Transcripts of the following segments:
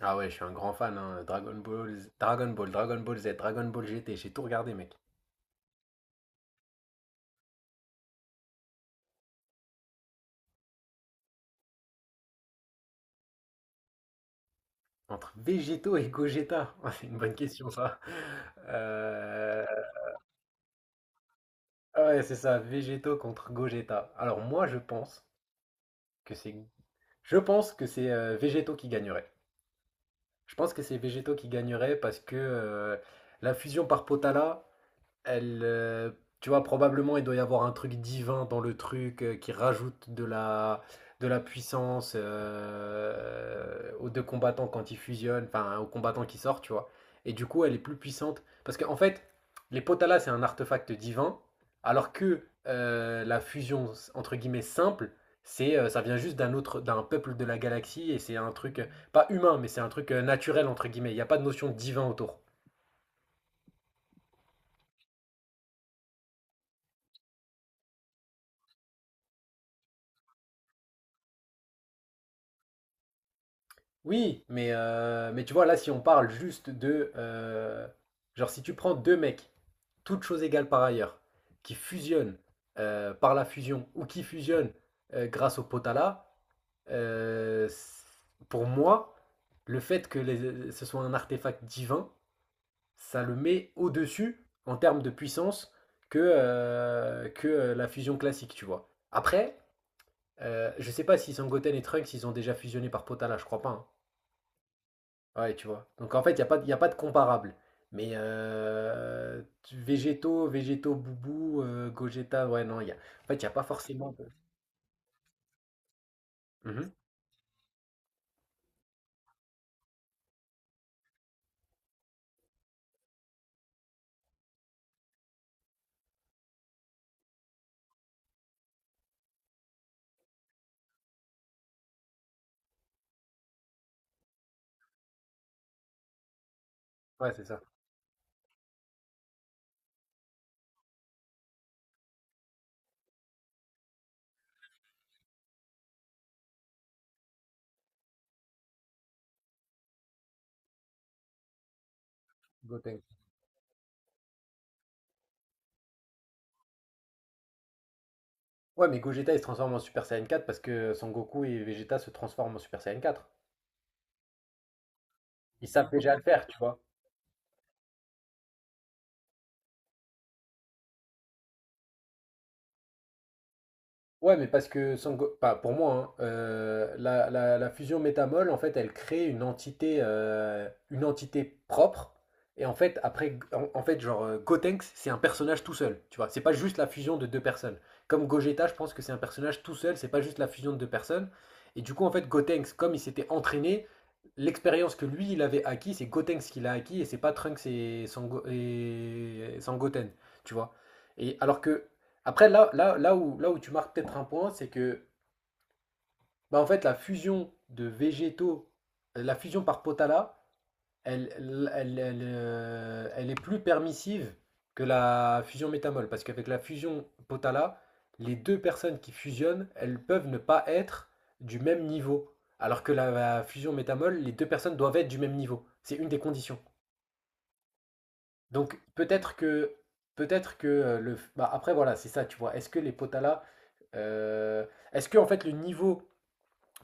Ah ouais, je suis un grand fan, hein. Dragon Ball, Dragon Ball, Dragon Ball Z, Dragon Ball GT, j'ai tout regardé, mec. Entre Végéto et Gogeta, c'est une bonne question ça. Euh, Ouais, c'est ça, Végéto contre Gogeta. Alors moi, je pense que c'est, je pense que c'est Végéto qui gagnerait. Je pense que c'est Végéto qui gagnerait parce que la fusion par Potala, elle, tu vois, probablement il doit y avoir un truc divin dans le truc qui rajoute de la puissance aux deux combattants quand ils fusionnent, enfin aux combattants qui sortent, tu vois. Et du coup, elle est plus puissante. Parce qu'en fait, les Potala, c'est un artefact divin, alors que la fusion, entre guillemets, simple, c'est, ça vient juste d'un autre, d'un peuple de la galaxie, et c'est un truc, pas humain, mais c'est un truc naturel, entre guillemets. Il n'y a pas de notion de divin autour. Oui, mais tu vois, là, si on parle juste de, genre, si tu prends deux mecs, toutes choses égales par ailleurs, qui fusionnent par la fusion ou qui fusionnent grâce au potala, euh, c- pour moi, le fait que ce soit un artefact divin, ça le met au-dessus en termes de puissance que la fusion classique, tu vois. Après, je sais pas si Sangoten et Trunks, ils ont déjà fusionné par potala, je crois pas. Hein. Ouais, tu vois? Donc en fait, il n'y a pas, y a pas de comparable. Mais végétaux, végétaux, boubou, Gogeta, ouais, non, il y a, en fait, il n'y a pas forcément de. Mhm. Ouais, c'est ça. Goten. Ouais, mais Gogeta, il se transforme en Super Saiyan quatre parce que Son Goku et Vegeta se transforment en Super Saiyan quatre. Ils savent déjà le faire, tu vois. Ouais, mais parce que pas pour moi, hein, la fusion métamol, en fait, elle crée une entité propre. Et en fait, après, en fait, genre, Gotenks, c'est un personnage tout seul. Tu vois, c'est pas juste la fusion de deux personnes. Comme Gogeta, je pense que c'est un personnage tout seul, c'est pas juste la fusion de deux personnes. Et du coup, en fait, Gotenks, comme il s'était entraîné, l'expérience que lui, il avait acquis, c'est Gotenks qui l'a acquis, et c'est pas Trunks et et Sangoten. Tu vois. Et alors que. Après, là où tu marques peut-être un point, c'est que bah, en fait, la fusion de végétaux, la fusion par potala, elle elle est plus permissive que la fusion métamol. Parce qu'avec la fusion potala, les deux personnes qui fusionnent, elles peuvent ne pas être du même niveau. Alors que la fusion métamol, les deux personnes doivent être du même niveau. C'est une des conditions. Donc peut-être que le bah, après voilà, c'est ça, tu vois. Est-ce que les Potala euh, est-ce que en fait le niveau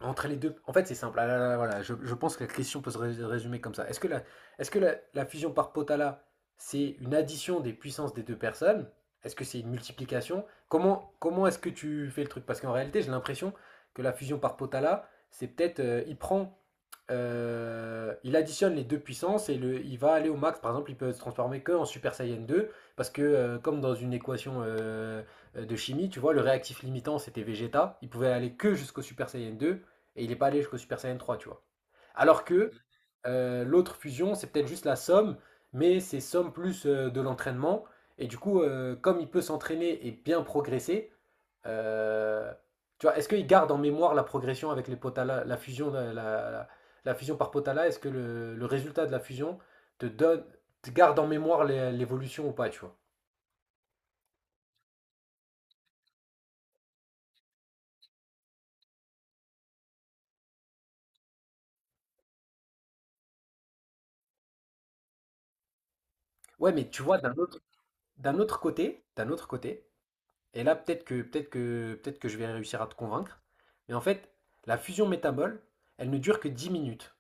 entre les deux en fait c'est simple. Ah là là, voilà, je pense que la question peut se résumer comme ça. Est-ce que la fusion par Potala c'est une addition des puissances des deux personnes. Est-ce que c'est une multiplication? Comment est-ce que tu fais le truc? Parce qu'en réalité, j'ai l'impression que la fusion par Potala, c'est peut-être il prend il additionne les deux puissances et il va aller au max. Par exemple, il peut se transformer que en Super Saiyan 2 parce que, comme dans une équation de chimie, tu vois, le réactif limitant c'était Vegeta. Il pouvait aller que jusqu'au Super Saiyan 2 et il n'est pas allé jusqu'au Super Saiyan 3, tu vois. Alors que l'autre fusion, c'est peut-être juste la somme, mais c'est somme plus de l'entraînement. Et du coup, comme il peut s'entraîner et bien progresser, euh, tu vois, est-ce qu'il garde en mémoire la progression avec les Potala, la fusion par Potala. Est-ce que le résultat de la fusion te donne, te garde en mémoire l'évolution ou pas, tu vois? Ouais, mais tu vois, d'un autre côté, et là peut-être que je vais réussir à te convaincre, mais en fait, la fusion métabole, elle ne dure que 10 minutes.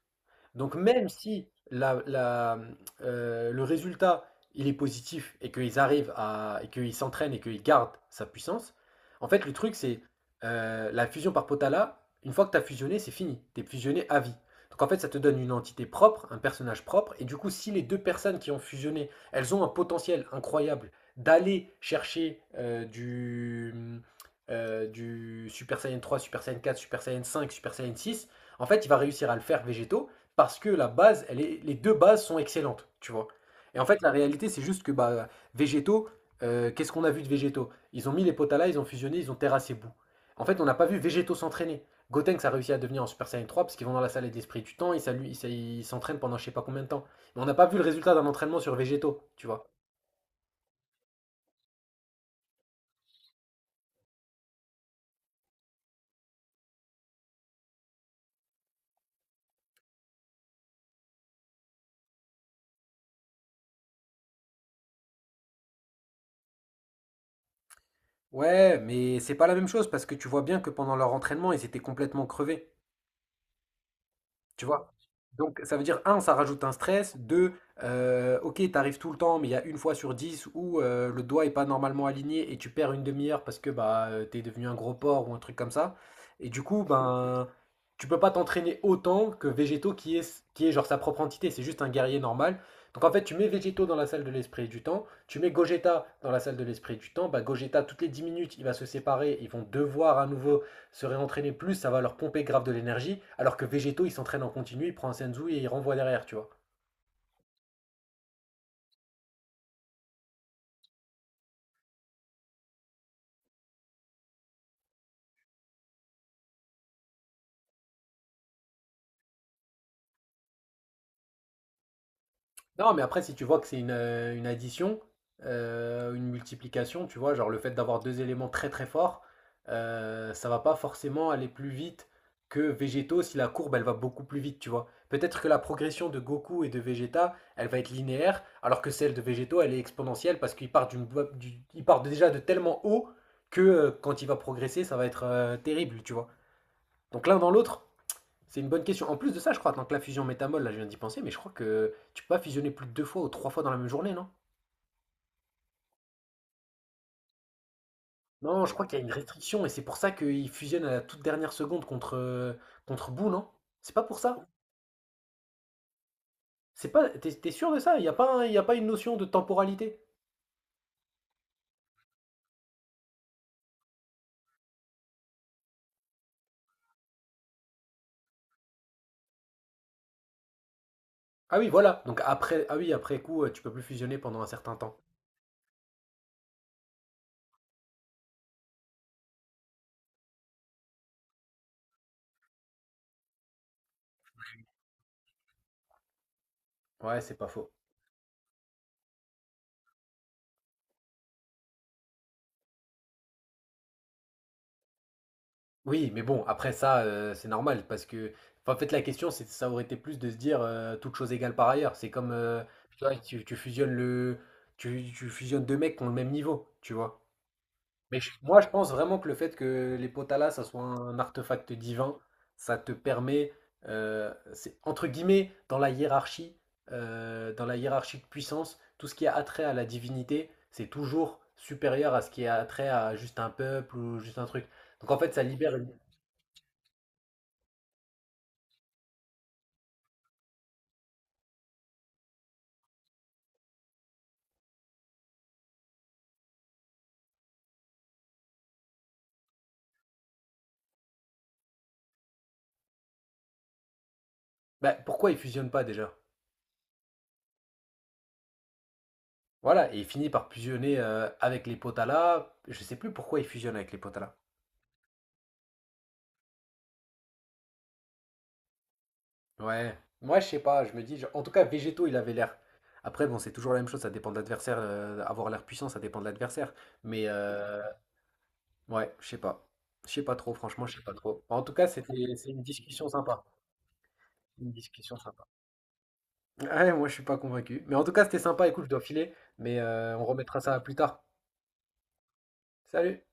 Donc même si le résultat il est positif et qu'ils arrivent à et qu'ils s'entraînent et qu'ils gardent sa puissance, en fait le truc c'est la fusion par Potala, une fois que tu as fusionné, c'est fini, tu es fusionné à vie. Donc en fait ça te donne une entité propre, un personnage propre, et du coup si les deux personnes qui ont fusionné, elles ont un potentiel incroyable d'aller chercher du Super Saiyan trois, Super Saiyan quatre, Super Saiyan cinq, Super Saiyan six. En fait, il va réussir à le faire végétaux parce que la base, les deux bases sont excellentes, tu vois. Et en fait, la réalité, c'est juste que bah, végétaux, qu'est-ce qu'on a vu de végétaux? Ils ont mis les potas là, ils ont fusionné, ils ont terrassé Bou. En fait, on n'a pas vu végétaux s'entraîner. Gotenks a réussi à devenir en Super Saiyan 3 parce qu'ils vont dans la salle d'esprit du temps, ils ils s'entraînent pendant je sais pas combien de temps. Mais on n'a pas vu le résultat d'un entraînement sur végétaux, tu vois. Ouais, mais c'est pas la même chose parce que tu vois bien que pendant leur entraînement, ils étaient complètement crevés. Tu vois? Donc ça veut dire, un, ça rajoute un stress, deux, ok, t'arrives tout le temps, mais il y a une fois sur dix où le doigt est pas normalement aligné et tu perds une demi-heure parce que bah t'es devenu un gros porc ou un truc comme ça. Et du coup, ben tu peux pas t'entraîner autant que Végétaux qui est genre sa propre entité, c'est juste un guerrier normal. Donc en fait, tu mets Végétaux dans la salle de l'esprit et du temps, tu mets Gogeta dans la salle de l'esprit et du temps, bah Gogeta, toutes les 10 minutes, il va se séparer, ils vont devoir à nouveau se réentraîner plus, ça va leur pomper grave de l'énergie, alors que Végéto, il s'entraîne en continu, il prend un Senzu et il renvoie derrière, tu vois. Non, mais après, si tu vois que c'est une addition, une multiplication, tu vois, genre le fait d'avoir deux éléments très très forts, ça va pas forcément aller plus vite que Végéto si la courbe elle va beaucoup plus vite, tu vois. Peut-être que la progression de Goku et de Vegeta, elle va être linéaire, alors que celle de Végéto, elle est exponentielle parce qu'il part, d'une, il part déjà de tellement haut que quand il va progresser, ça va être terrible, tu vois. Donc l'un dans l'autre, c'est une bonne question. En plus de ça, je crois, tant que la fusion métamol, là je viens d'y penser, mais je crois que tu peux pas fusionner plus de deux fois ou trois fois dans la même journée, non? Non, je crois qu'il y a une restriction et c'est pour ça qu'ils fusionnent à la toute dernière seconde contre, contre Boo, non? C'est pas pour ça? C'est pas, t'es sûr de ça? Il n'y a pas, il y a pas une notion de temporalité? Ah oui, voilà. Donc après, ah oui, après coup, tu peux plus fusionner pendant un certain temps. Ouais, c'est pas faux. Oui, mais bon, après ça, c'est normal parce que enfin, en fait, la question, c'est ça aurait été plus de se dire, toutes choses égales par ailleurs. C'est comme, tu vois, tu fusionnes 2 mecs qui ont le même niveau, tu vois? Mais je pense vraiment que le fait que les Potala, ça soit un artefact divin, ça te permet, c'est entre guillemets, dans la hiérarchie de puissance, tout ce qui a attrait à la divinité, c'est toujours supérieur à ce qui a attrait à juste un peuple ou juste un truc. Donc en fait, ça libère bah, pourquoi ils fusionnent pas déjà? Voilà, et il finit par fusionner avec les Potala. Je sais plus pourquoi il fusionne avec les Potala. Ouais, moi je sais pas, je me dis, en tout cas, Végéto, il avait l'air. Après, bon, c'est toujours la même chose, ça dépend de l'adversaire. Avoir l'air puissant, ça dépend de l'adversaire. Mais ouais, je sais pas. Je sais pas trop, franchement, je sais pas trop. En tout cas, c'est une discussion sympa. Une discussion sympa. Ouais, moi je suis pas convaincu. Mais en tout cas, c'était sympa. Écoute, je dois filer, mais on remettra ça plus tard. Salut!